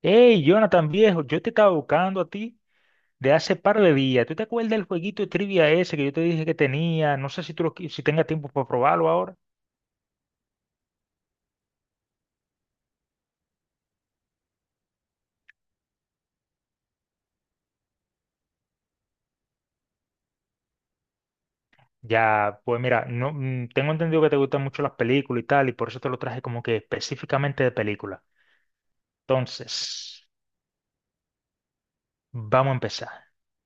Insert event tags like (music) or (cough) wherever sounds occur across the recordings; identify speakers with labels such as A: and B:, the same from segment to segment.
A: Hey, Jonathan viejo, yo te estaba buscando a ti de hace par de días. ¿Tú te acuerdas del jueguito de trivia ese que yo te dije que tenía? No sé si tengas tiempo para probarlo ahora. Ya, pues mira, no, tengo entendido que te gustan mucho las películas y tal, y por eso te lo traje como que específicamente de película. Entonces, vamos a empezar.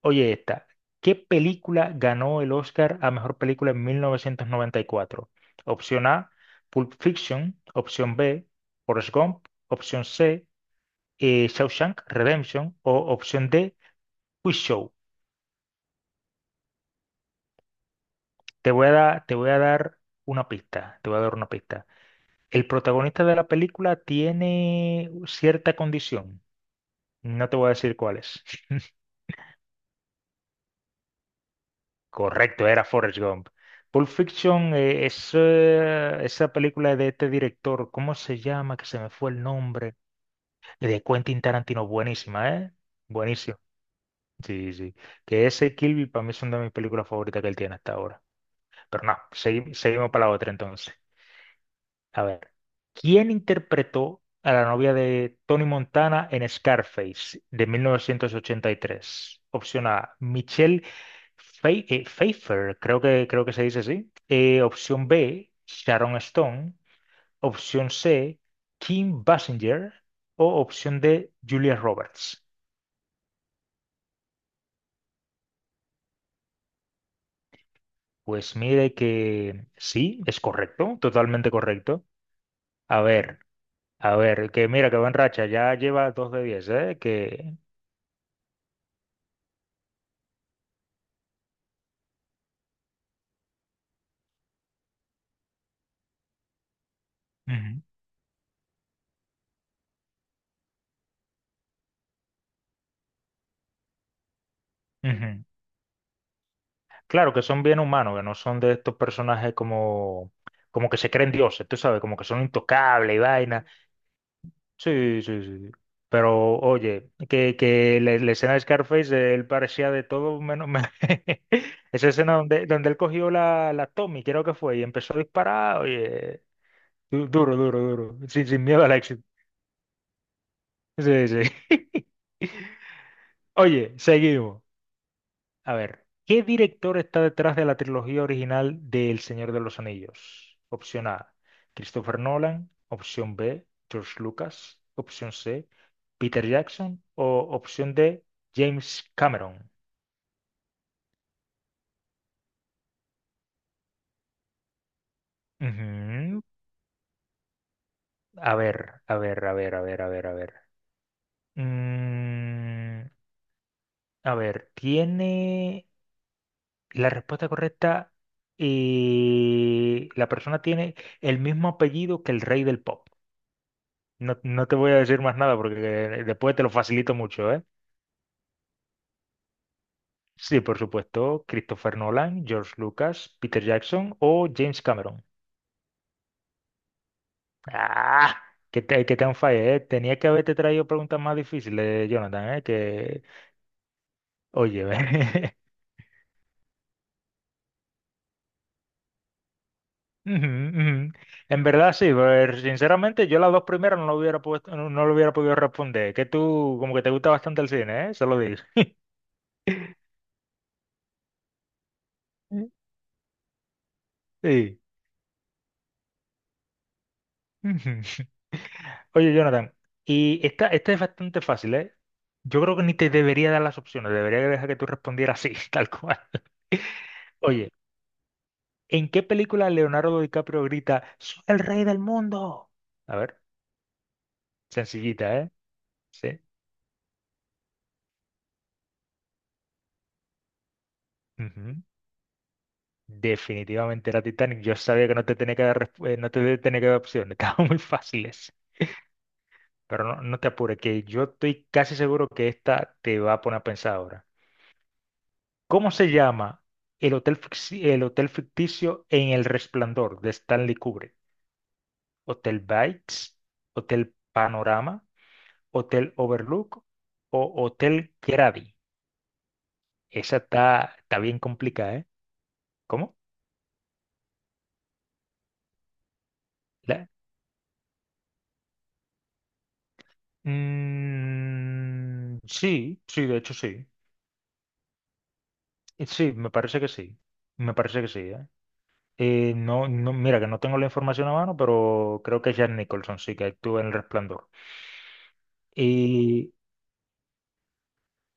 A: Oye, esta, ¿qué película ganó el Oscar a mejor película en 1994? Opción A, Pulp Fiction. Opción B, Forrest Gump. Opción C, Shawshank Redemption. O opción D, Quiz Show. Te voy a dar una pista. Te voy a dar una pista. El protagonista de la película tiene cierta condición. No te voy a decir cuál es. Correcto, era Forrest Gump. Pulp Fiction es, esa película de este director, ¿cómo se llama? Que se me fue el nombre. De Quentin Tarantino, buenísima, ¿eh? Buenísimo. Sí, sí. Que ese y Kill Bill para mí es una de mis películas favoritas que él tiene hasta ahora. Pero no, seguimos para la otra entonces. A ver, ¿quién interpretó a la novia de Tony Montana en Scarface de 1983? Opción A, Michelle Pfeiffer, creo que se dice así. Opción B, Sharon Stone. Opción C, Kim Basinger. O opción D, Julia Roberts. Pues mire que sí, es correcto, totalmente correcto. A ver. A ver, que mira que va en racha, ya lleva dos de diez, ¿eh? Que... Ujú, ujú. Claro que son bien humanos, que no son de estos personajes como, como que se creen dioses, tú sabes, como que son intocables y vaina. Sí, sí, sí. Pero oye, que la escena de Scarface, él parecía de todo menos, (laughs) Esa escena donde él cogió la Tommy, creo que fue, y empezó a disparar, oye, duro, duro, duro, sin miedo al éxito. Sí, sí. (laughs) Oye, seguimos. A ver, ¿qué director está detrás de la trilogía original de El Señor de los Anillos? Opción A, Christopher Nolan. Opción B, George Lucas. Opción C, Peter Jackson. O opción D, James Cameron. Ujú. A ver, a ver, a ver, a ver, a ver, a ver. Mm, a ver, tiene la respuesta correcta y la persona tiene el mismo apellido que el rey del pop. No, no te voy a decir más nada porque después te lo facilito mucho, ¿eh? Sí, por supuesto, Christopher Nolan, George Lucas, Peter Jackson o James Cameron. ¡Ah! Que te han fallado, ¿eh? Tenía que haberte traído preguntas más difíciles, Jonathan, ¿eh? Que, oye, (laughs) ve. Ujú, ujú. En verdad sí, pero sinceramente yo las dos primeras no lo hubiera puesto, no, no lo hubiera podido responder. Que tú como que te gusta bastante el cine, ¿eh? Se lo digo. (laughs) Sí. Ujú. Oye, Jonathan, y esta es bastante fácil, ¿eh? Yo creo que ni te debería dar las opciones, debería dejar que tú respondieras así, (laughs) tal cual. Oye, ¿en qué película Leonardo DiCaprio grita, soy el rey del mundo? A ver, sencillita, ¿eh? Sí. Ujú. Definitivamente era Titanic. Yo sabía que no te tenía que dar, no te tenía que dar opciones, (laughs) estaban muy fáciles. Pero no, no te apures, que yo estoy casi seguro que esta te va a poner a pensar ahora. ¿Cómo se llama el hotel ficticio en El Resplandor de Stanley Kubrick? ¿Hotel Bites? ¿Hotel Panorama? ¿Hotel Overlook? ¿O Hotel Grady? Esa está, está bien complicada, ¿eh? ¿Cómo? La- Mm, sí, sí, de hecho sí. Sí, me parece que sí. Me parece que sí, ¿eh? No, no, mira que no tengo la información a mano, pero creo que es Jack Nicholson, sí, que actúa en El Resplandor.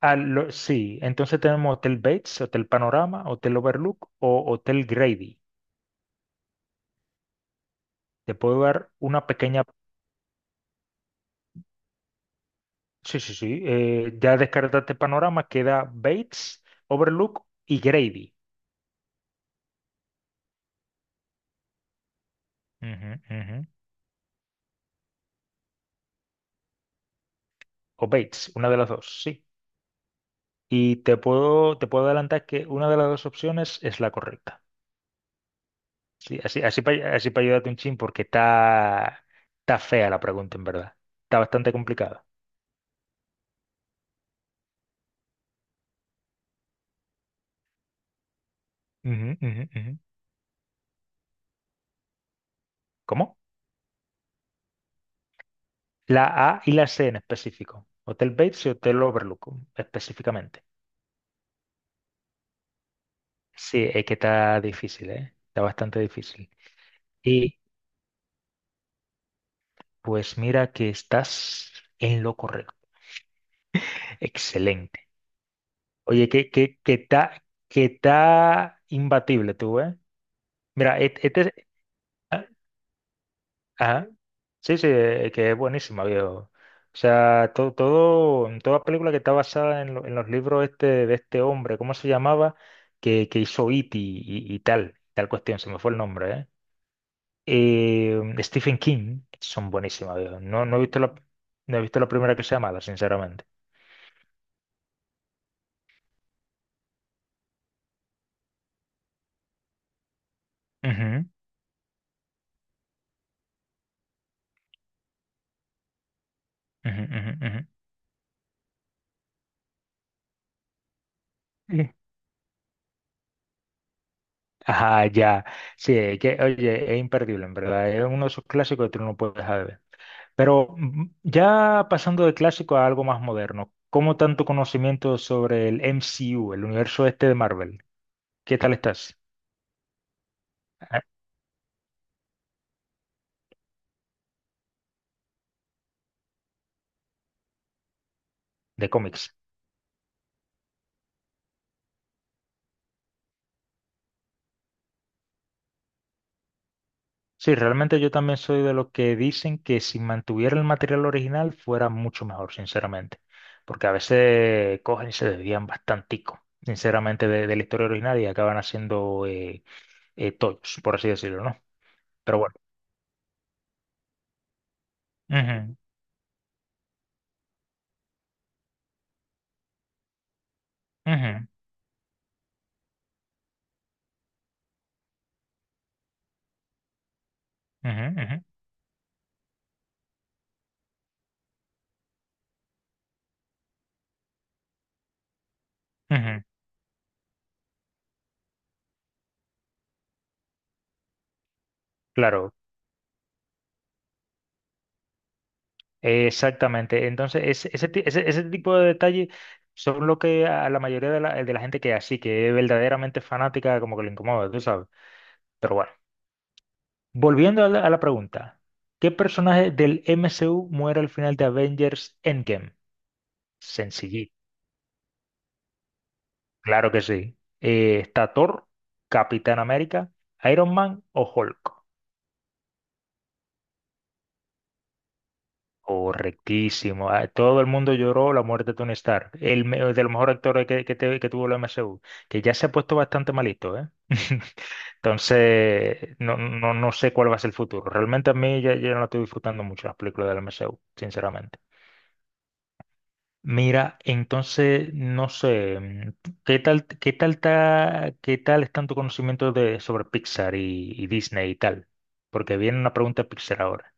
A: Ah, sí, entonces tenemos Hotel Bates, Hotel Panorama, Hotel Overlook o Hotel Grady. Te puedo dar una pequeña... Sí, sí, sí. Eh, ya descartaste Panorama, queda Bates, Overlook y Grady. Ujú, ujú. O Bates, una de las dos, sí. Y te puedo adelantar que una de las dos opciones es la correcta. Sí, así, así para así pa ayudarte un chin porque está, está fea la pregunta, en verdad. Está bastante complicada. Ujú, ujú, ujú. ¿Cómo? La A y la C en específico. Hotel Bates y Hotel Overlook específicamente. Sí, es que está difícil, ¿eh? Está bastante difícil. Y pues mira que estás en lo correcto. Excelente. Oye, que está imbatible tú, ¿eh? Mira, Ajá. Sí, sí, que es buenísima, viejo. O sea, todo, todo, toda película que está basada en, en los libros este, de este hombre, ¿cómo se llamaba? Que hizo It y tal, tal cuestión, se me fue el nombre, ¿eh? Stephen King, son buenísimas, viejo. No he visto la primera que sea mala, sinceramente. Ujú, ujú, ujú, ujú. Sí. Ajá, ya. Sí, que, oye, es imperdible, en verdad. Es uno de esos clásicos que tú no puedes dejar de ver. Pero ya pasando de clásico a algo más moderno, ¿cómo tanto conocimiento sobre el MCU, el universo este de Marvel? ¿Qué tal estás? Ah, de cómics. Sí, realmente yo también soy de los que dicen que si mantuviera el material original fuera mucho mejor, sinceramente. Porque a veces cogen y se desvían bastantico, sinceramente, de la historia original y acaban haciendo tollos, por así decirlo, ¿no? Pero bueno. Ujú, ujú, ujú, ujú, ujú. Claro, exactamente. Entonces, ese tipo de detalles son lo que a la mayoría de la gente que es así, que es verdaderamente fanática, como que le incomoda, tú sabes. Pero bueno, volviendo a la pregunta, ¿qué personaje del MCU muere al final de Avengers Endgame? Sencillito, claro que sí. ¿Está Thor, Capitán América, Iron Man o Hulk? Correctísimo. Ah, todo el mundo lloró la muerte de Tony Stark, de los mejores actores que, que tuvo la MCU, que ya se ha puesto bastante malito, ¿eh? (laughs) Entonces, no, no, no sé cuál va a ser el futuro. Realmente a mí ya no estoy disfrutando mucho las películas de la MCU, sinceramente. Mira, entonces, no sé, ¿qué tal están tu conocimiento de, sobre Pixar y Disney y tal? Porque viene una pregunta de Pixar ahora.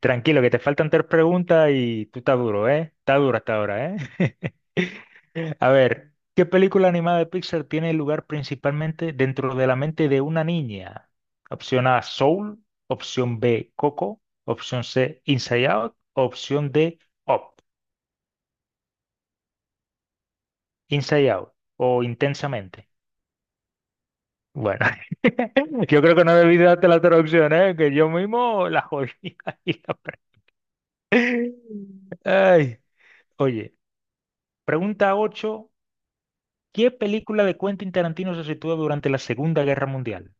A: Tranquilo, que te faltan tres preguntas y tú estás duro, ¿eh? Está duro hasta ahora, ¿eh? (laughs) A ver, ¿qué película animada de Pixar tiene lugar principalmente dentro de la mente de una niña? Opción A, Soul. Opción B, Coco. Opción C, Inside Out. Opción D, Up. Inside Out o Intensamente. Bueno, (laughs) yo creo que no debí darte la traducción, ¿eh? Que yo mismo la jodí. (laughs) ahí, la verdad. Ay, oye. Pregunta 8: ¿qué película de Quentin Tarantino se sitúa durante la Segunda Guerra Mundial?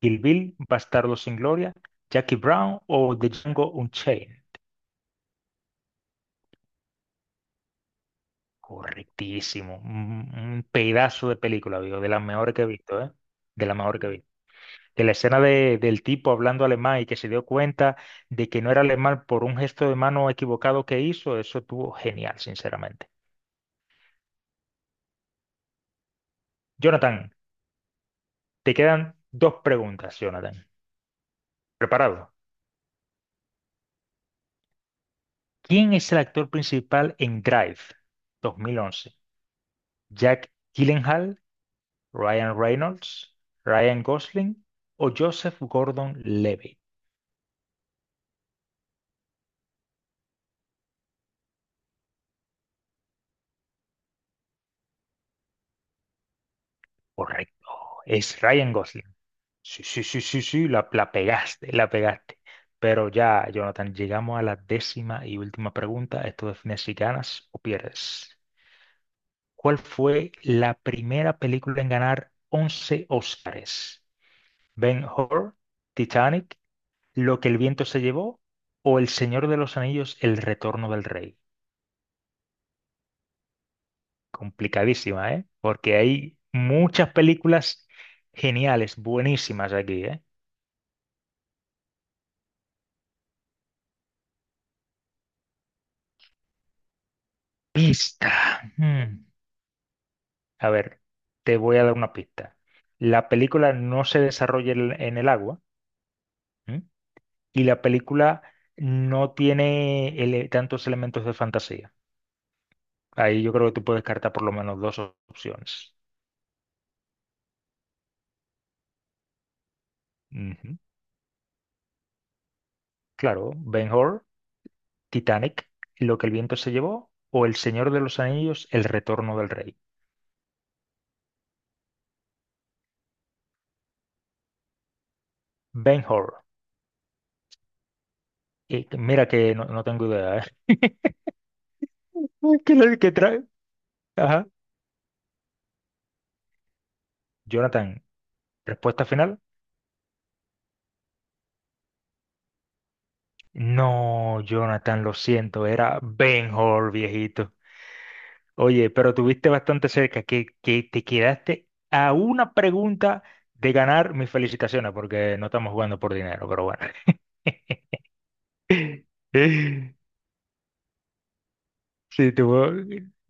A: ¿Kill Bill, Bastardos sin Gloria, Jackie Brown o The Django Unchained? Correctísimo. Un pedazo de película, digo, de las mejores que he visto, ¿eh? De las mejores que he visto. De la escena del tipo hablando alemán y que se dio cuenta de que no era alemán por un gesto de mano equivocado que hizo, eso estuvo genial, sinceramente. Jonathan, te quedan dos preguntas, Jonathan. ¿Preparado? ¿Quién es el actor principal en Drive 2011? ¿Jack Gyllenhaal, Ryan Reynolds, Ryan Gosling o Joseph Gordon-Levitt? Correcto, es Ryan Gosling. Sí, sí, sí, sí, sí, la pegaste, la pegaste. Pero ya, Jonathan, llegamos a la décima y última pregunta. Esto define si ganas o pierdes. ¿Cuál fue la primera película en ganar 11 Óscares? ¿Ben-Hur, Titanic, Lo que el viento se llevó o El Señor de los Anillos, El Retorno del Rey? Complicadísima, ¿eh? Porque hay muchas películas geniales, buenísimas aquí, ¿eh? Pista. Mm. A ver, te voy a dar una pista. La película no se desarrolla en el agua, ¿m? Y la película no tiene tantos elementos de fantasía. Ahí yo creo que tú puedes descartar por lo menos dos opciones. Ujú. Claro, Ben-Hur, Titanic, Lo que el viento se llevó, o El Señor de los Anillos, El Retorno del Rey. Ben-Hur. Y mira que no tengo idea, ¿eh? (laughs) ¿Qué es lo que trae? Ajá. Jonathan, respuesta final. No, Jonathan, lo siento, era Ben-Hur, viejito. Oye, pero tuviste bastante cerca, que te quedaste a una pregunta de ganar mis felicitaciones, porque no estamos jugando por dinero, pero bueno. (laughs) Sí, tuvo.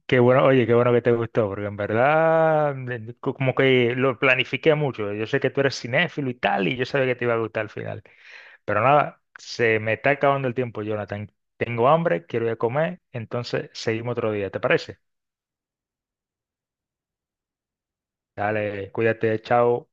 A: Qué bueno, oye, qué bueno que te gustó, porque en verdad como que lo planifiqué mucho. Yo sé que tú eres cinéfilo y tal, y yo sabía que te iba a gustar al final. Pero nada, se me está acabando el tiempo, Jonathan. Tengo hambre, quiero ir a comer, entonces seguimos otro día, ¿te parece? Dale, cuídate, chao.